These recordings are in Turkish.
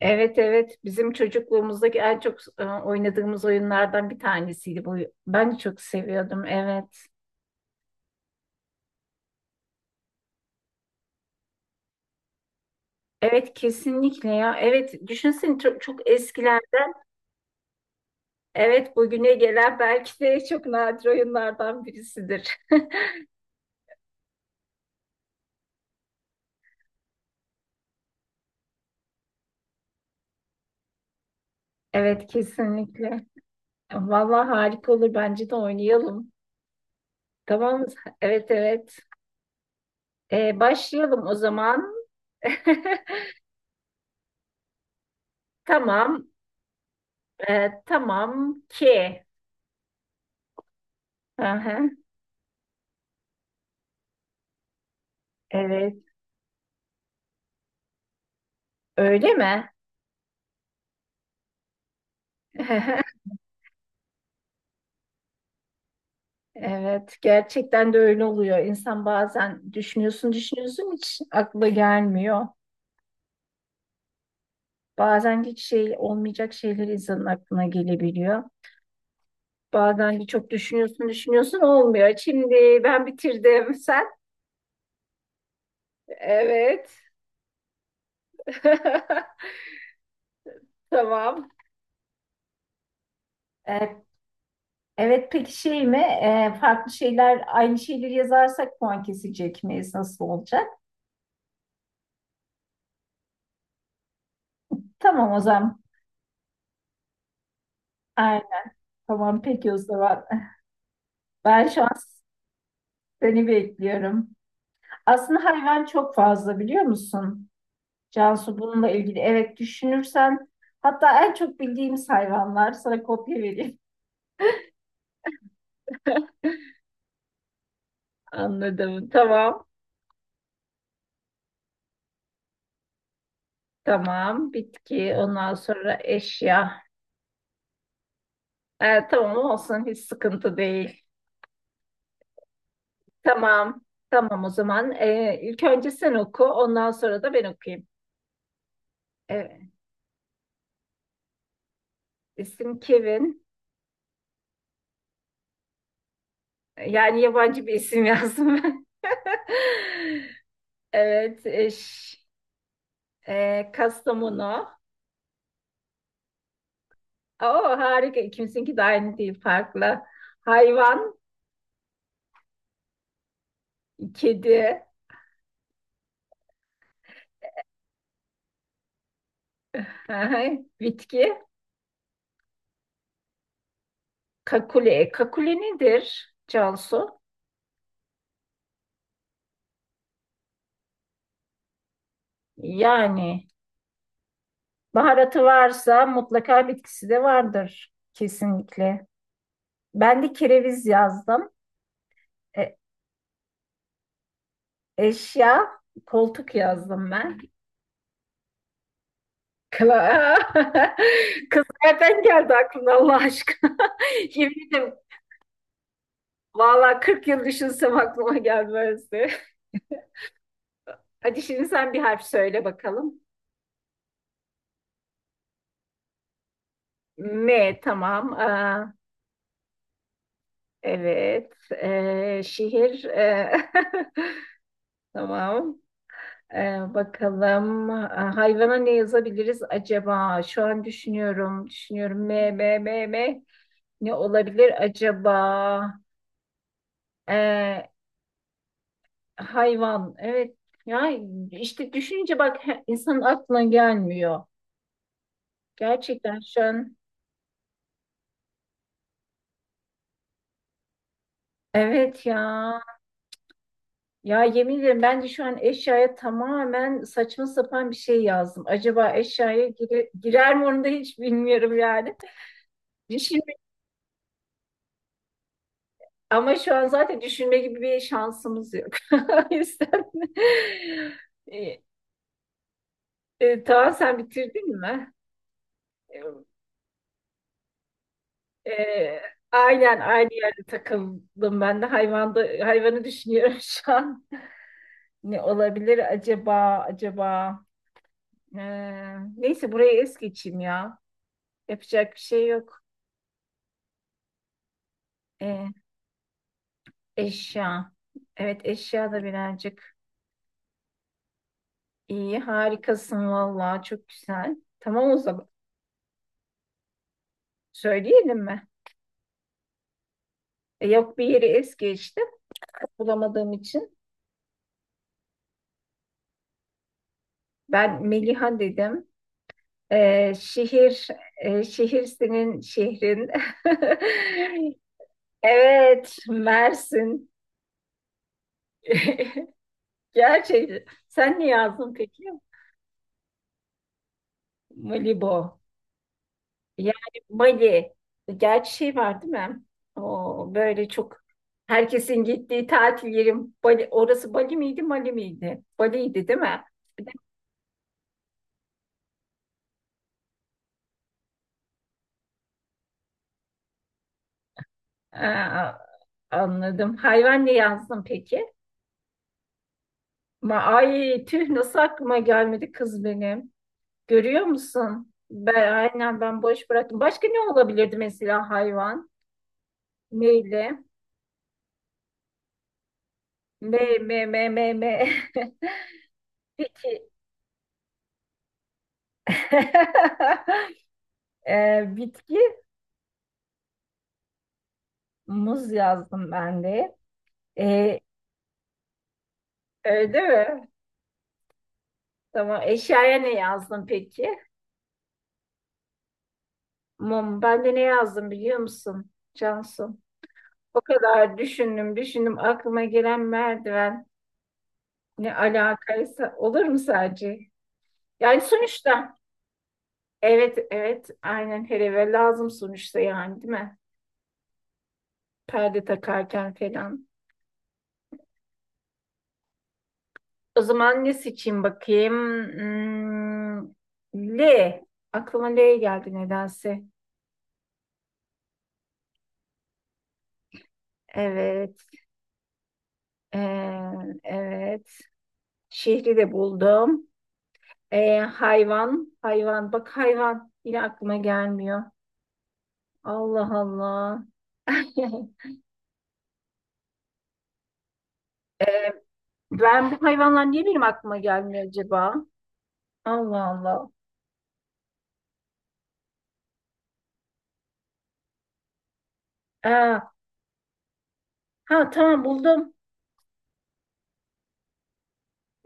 Evet evet bizim çocukluğumuzdaki en çok oynadığımız oyunlardan bir tanesiydi bu. Ben de çok seviyordum, evet. Evet, kesinlikle ya. Evet, düşünsene çok, çok eskilerden evet bugüne gelen belki de çok nadir oyunlardan birisidir. Evet, kesinlikle. Vallahi harika olur, bence de oynayalım. Tamam, evet evet. Başlayalım o zaman. Tamam. Tamam ki. Aha, evet. Öyle mi? Evet, gerçekten de öyle oluyor. İnsan bazen düşünüyorsun, düşünüyorsun hiç akla gelmiyor. Bazen hiç şey olmayacak şeyler insanın aklına gelebiliyor. Bazen de çok düşünüyorsun, düşünüyorsun olmuyor. Şimdi ben bitirdim. Sen? Evet. Tamam. Evet, evet, peki şey mi? Farklı şeyler, aynı şeyleri yazarsak puan kesecek miyiz? Nasıl olacak? Tamam o zaman. Aynen. Tamam, peki o zaman. Ben şu an seni bekliyorum. Aslında hayvan çok fazla, biliyor musun? Cansu, bununla ilgili evet düşünürsen hatta en çok bildiğimiz hayvanlar, sana kopya vereyim. Anladım. Tamam. Tamam. Bitki. Ondan sonra eşya. Tamam olsun. Hiç sıkıntı değil. Tamam. Tamam o zaman. İlk önce sen oku. Ondan sonra da ben okuyayım. Evet. İsim Kevin. Yani yabancı bir isim yazdım ben. Evet. Kastamonu. Oo, harika. İkimizinki de aynı değil, farklı. Hayvan, kedi, bitki, kakule. Kakule nedir Cansu? Yani baharatı varsa mutlaka bitkisi de vardır, kesinlikle. Ben de kereviz yazdım. E, Eşya, koltuk yazdım ben. Kla Kız, nereden geldi aklına Allah aşkına? Yemin ederim. Vallahi 40 yıl düşünsem aklıma gelmezdi. Hadi şimdi sen bir harf söyle bakalım. M, tamam. Aa, evet. Şehir. Tamam. Bakalım. Aa, hayvana ne yazabiliriz acaba? Şu an düşünüyorum. Düşünüyorum. M, M, M, M. Ne olabilir acaba? Ee, Hayvan. Evet. Ya işte düşününce bak insanın aklına gelmiyor. Gerçekten şu an. Evet ya. Ya, yemin ederim bence şu an eşyaya tamamen saçma sapan bir şey yazdım. Acaba eşyaya girer mi onu da hiç bilmiyorum yani. Düşünme, ama şu an zaten düşünme gibi bir şansımız yok. O yüzden e, tamam, sen bitirdin mi? E, e, aynen aynı yerde takıldım ben de, hayvanda hayvanı düşünüyorum şu an. Ne olabilir acaba acaba? E, Neyse burayı es geçeyim ya. Yapacak bir şey yok. E, Eşya. Evet, eşya da birazcık iyi. Harikasın vallahi, çok güzel. Tamam o zaman. Söyleyelim mi? Yok, bir yeri es geçtim. Bulamadığım için. Ben Meliha dedim. Şehir, şehir senin şehrin. Evet, Mersin. Gerçekten. Sen ne yazdın peki? Malibu. Yani Bali, gerçi şey var değil mi? O böyle çok herkesin gittiği tatil yerim. Bali, orası Bali miydi, Mali miydi? Bali'ydi değil mi? Aa, anladım. Hayvan ne yazdın peki? Ay tüh, nasıl aklıma gelmedi kız benim. Görüyor musun? Aynen, ben boş bıraktım. Başka ne olabilirdi mesela hayvan? Neyle? Me, me, me, me, me. Peki. Bitki. Muz yazdım ben de. Ee, Öyle mi? Tamam. Eşyaya ne yazdın peki? Mum. Ben de ne yazdım biliyor musun Cansu? O kadar düşündüm, düşündüm. Aklıma gelen merdiven, ne alakaysa olur mu sadece? Yani sonuçta. Evet, evet. Aynen, her eve lazım sonuçta yani, değil mi? Perde takarken falan. O zaman ne seçeyim bakayım? Hmm, L. Aklıma L geldi nedense. Evet. Ee, evet. Şehri de buldum. Hayvan, hayvan. Bak, hayvan yine aklıma gelmiyor. Allah Allah. Ee, Ben bu hayvanlar niye benim aklıma gelmiyor acaba? Allah Allah. Aa, ha tamam, buldum.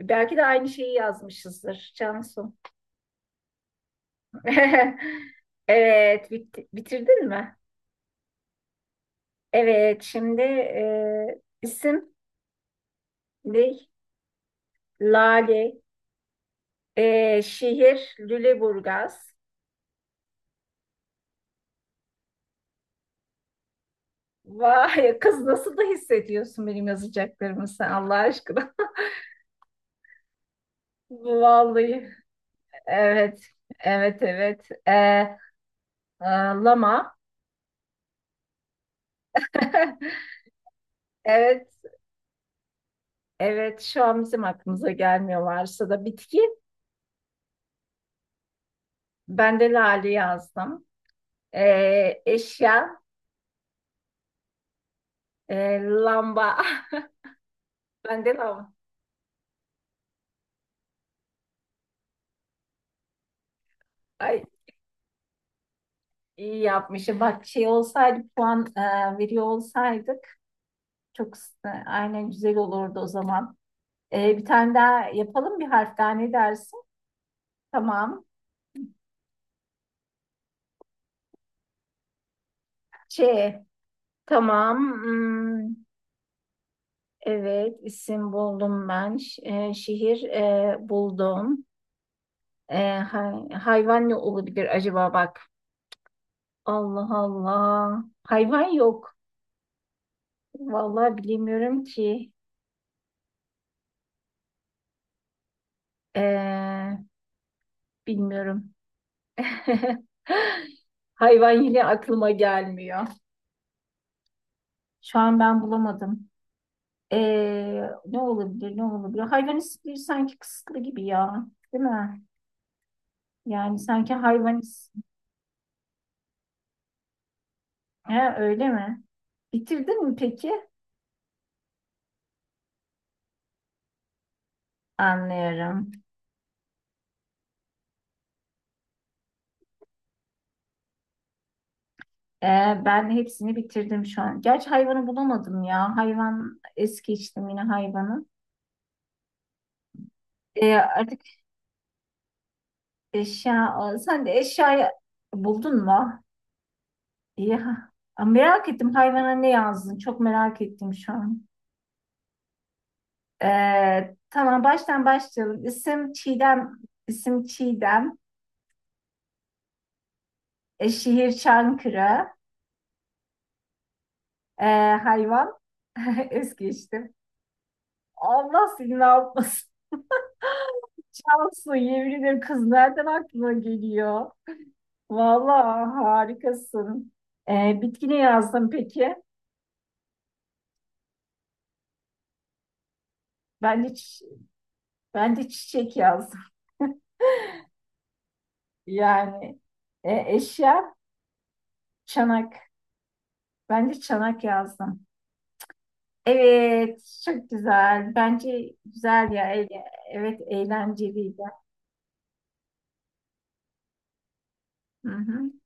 Belki de aynı şeyi yazmışızdır Cansu. Evet, bitirdin mi? Evet, şimdi isim ne? Lale, şehir Lüleburgaz, vay kız nasıl da hissediyorsun benim yazacaklarımı sen Allah aşkına. Vallahi. Evet. Evet evet. E, Lama. Evet. Evet, şu an bizim aklımıza gelmiyorlarsa da bitki. Ben de lale yazdım. Eşya. Lamba. Ben de lamba. Ay, iyi yapmışım. Bak, şey olsaydı, puan veriyor olsaydık çok aynen güzel olurdu o zaman. Bir tane daha yapalım, bir harf daha, ne dersin? Tamam. Ç. Tamam. Hmm, evet, isim buldum ben. Şehir buldum. Hayvan ne olabilir acaba, bak. Allah Allah. Hayvan yok. Vallahi bilemiyorum ki. E, Bilmiyorum. Hayvan yine aklıma gelmiyor. Şu an ben bulamadım. Ne olabilir, ne olabilir? Hayvanistliği sanki kısıtlı gibi ya, değil mi? Yani sanki hayvanist, he, öyle mi? Bitirdin mi peki? Anlıyorum. Ben hepsini bitirdim şu an. Gerçi hayvanı bulamadım ya. Hayvan es geçtim, yine hayvanı. Artık eşya, sen de eşyayı buldun mu? İyi. Merak ettim, hayvana ne yazdın? Çok merak ettim şu an. Tamam, baştan başlayalım. İsim Çiğdem, isim Çiğdem. Şehir Çankırı. Ee, Hayvan es geçtim. Allah seni ne yapmasın. Cansu, yemin ederim kız, nereden aklına geliyor? Vallahi harikasın. Bitki ne yazdın peki? Ben de, çi- ben de çiçek yazdım. Yani, eşya çanak. Ben de çanak yazdım. Evet, çok güzel. Bence güzel ya. Evet, eğlenceliydi. Hı hı.